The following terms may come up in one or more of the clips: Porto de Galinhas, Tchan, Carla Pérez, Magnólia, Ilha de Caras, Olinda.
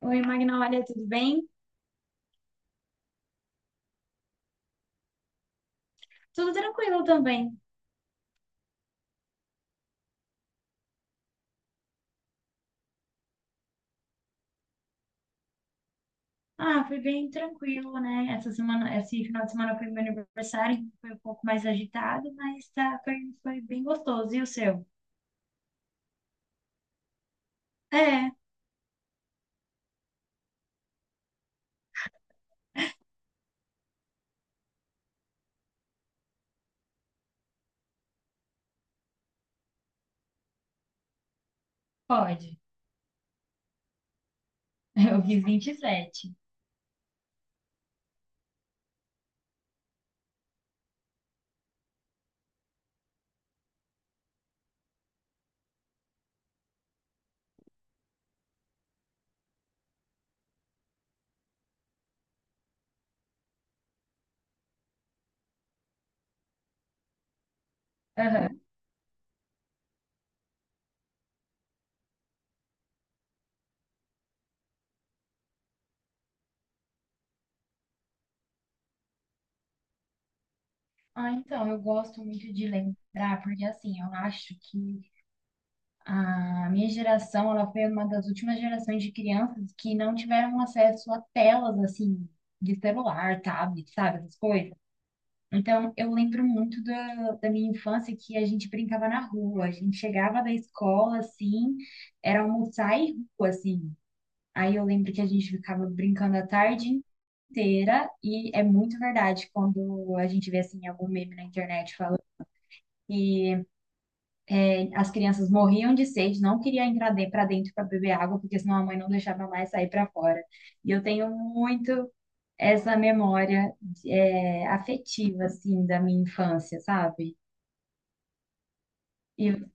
Oi, Magnólia, tudo bem? Tudo tranquilo também. Ah, foi bem tranquilo, né? Essa semana, esse final de semana foi meu aniversário, então foi um pouco mais agitado, mas tá, foi bem gostoso. E o seu? É, pode. Eu fiz 27. Aham. Ah, então, eu gosto muito de lembrar, porque assim, eu acho que a minha geração, ela foi uma das últimas gerações de crianças que não tiveram acesso a telas, assim, de celular, tablet, sabe, essas coisas. Então, eu lembro muito da minha infância que a gente brincava na rua. A gente chegava da escola, assim, era almoçar e rua, assim. Aí eu lembro que a gente ficava brincando a tarde inteira, e é muito verdade quando a gente vê, assim, algum meme na internet falando que as crianças morriam de sede, não queriam entrar para dentro para beber água, porque senão a mãe não deixava mais sair para fora. E eu tenho muito essa memória, é, afetiva, assim, da minha infância, sabe? E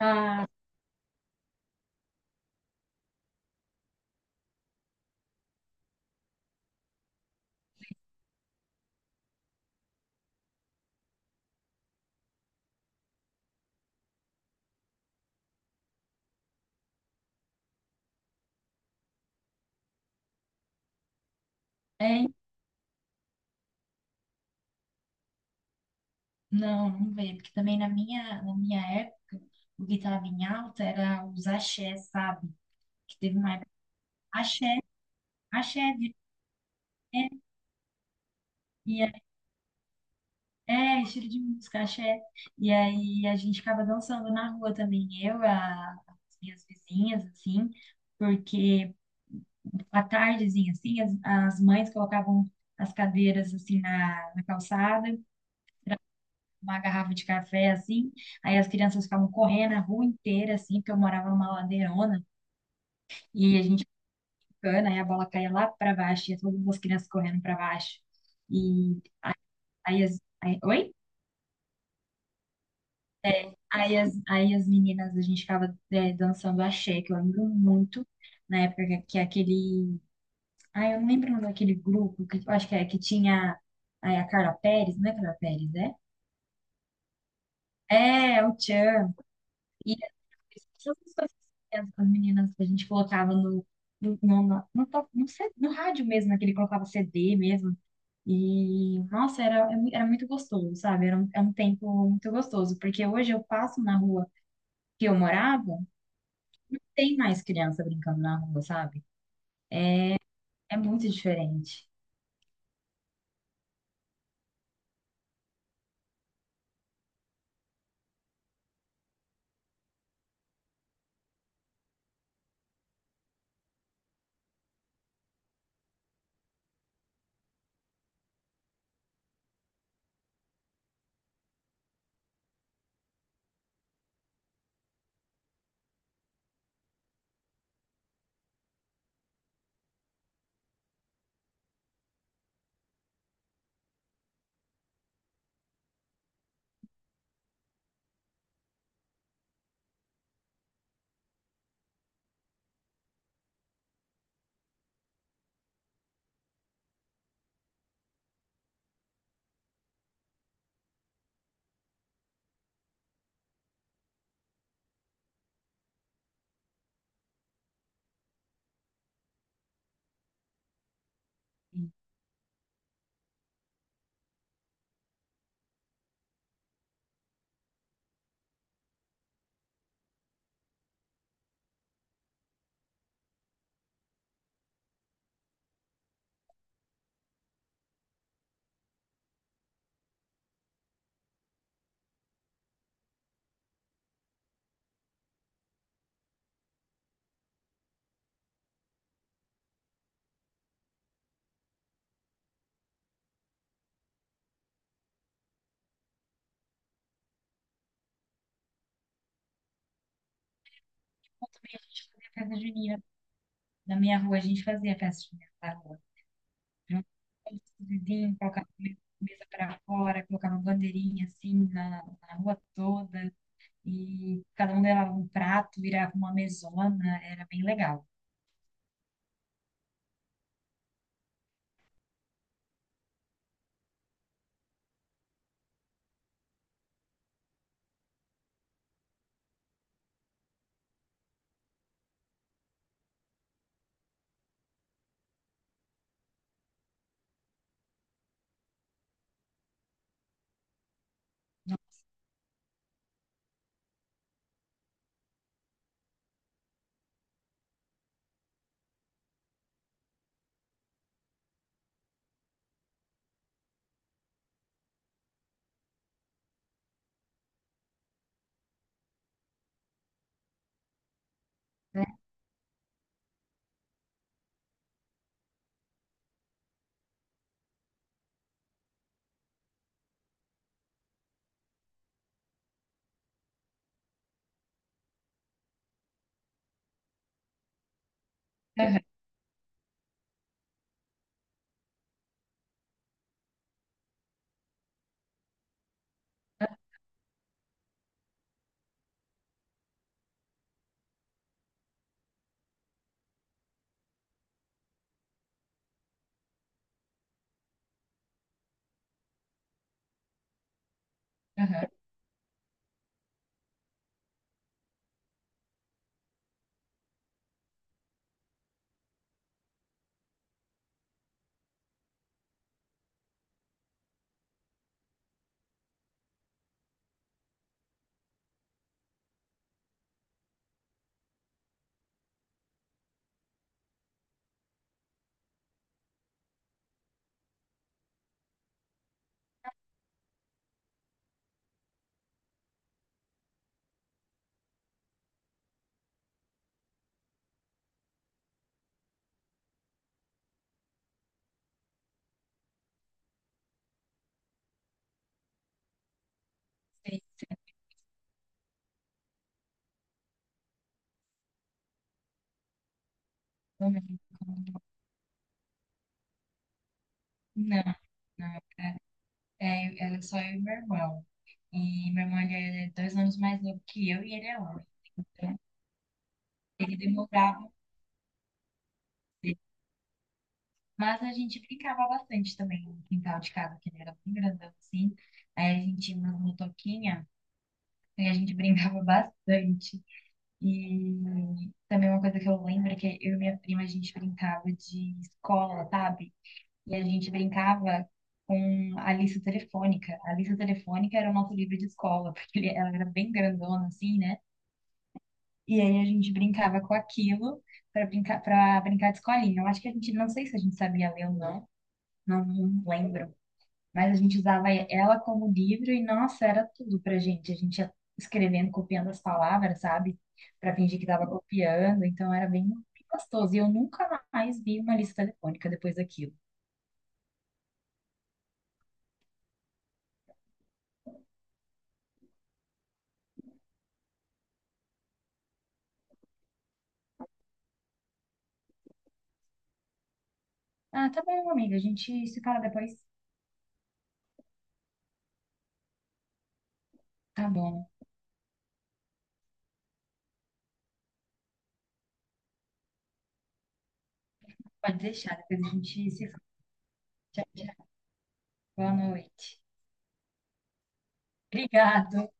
ah, é? Não, não veio, porque também na minha época, o que estava em alta era os axé, sabe? Que teve uma época, axé, axé, de- é, e é, é, estilo de música, axé. E aí a gente ficava dançando na rua também, eu, as minhas vizinhas, assim, porque à tardezinha, assim, as mães colocavam as cadeiras, assim, na calçada uma garrafa de café, assim. Aí as crianças ficavam correndo a rua inteira, assim, porque eu morava numa ladeirona. E a gente ficando, aí a bola caía lá para baixo, e todas as crianças correndo para baixo. E aí as... Aí, oi? Aí as meninas, a gente ficava é, dançando axé, que eu lembro muito, na época que aquele... Ah, eu não lembro o nome daquele grupo, que, eu acho que é que tinha aí a Carla Pérez, não é Carla Pérez, né? É, o Tchan. Essas coisas com as meninas que a gente colocava no, no, no, no, no, to- no C- no rádio mesmo, naquele que colocava CD mesmo. E, nossa, era muito gostoso, sabe? Era um, é um tempo muito gostoso, porque hoje eu passo na rua que eu morava, tem mais criança brincando na rua, sabe? É muito diferente. E como também a gente fazia festa junina. Na minha rua, a gente fazia festa junina na rua. Juntava todos os vizinhos, colocava mesa para fora, colocava bandeirinha assim na rua toda. E cada um levava um prato, virava uma mesona, era bem legal. Aham, aham. Sei, sei, eu lembro. Não, não, era, era só eu e meu irmão. E meu irmão ele é 2 anos mais novo que eu e ele é homem. Então, ele demorava. Mas a gente brincava bastante também no quintal de casa, que ele era bem grandão assim. Aí a gente tinha uma motoquinha e a gente brincava bastante. E também uma coisa que eu lembro é que eu e minha prima, a gente brincava de escola, sabe? E a gente brincava com a lista telefônica. A lista telefônica era o nosso livro de escola, porque ela era bem grandona, assim, né? E aí a gente brincava com aquilo para brincar de escolinha. Eu acho que a gente, não sei se a gente sabia ler ou não, não lembro. Mas a gente usava ela como livro e, nossa, era tudo pra gente. A gente ia escrevendo, copiando as palavras, sabe? Pra fingir que tava copiando. Então era bem gostoso. E eu nunca mais vi uma lista telefônica depois daquilo. Ah, tá bom, amiga. A gente se fala depois. Tá bom. Pode deixar. Depois a gente se fala. Tchau, tchau. Boa noite. Obrigado.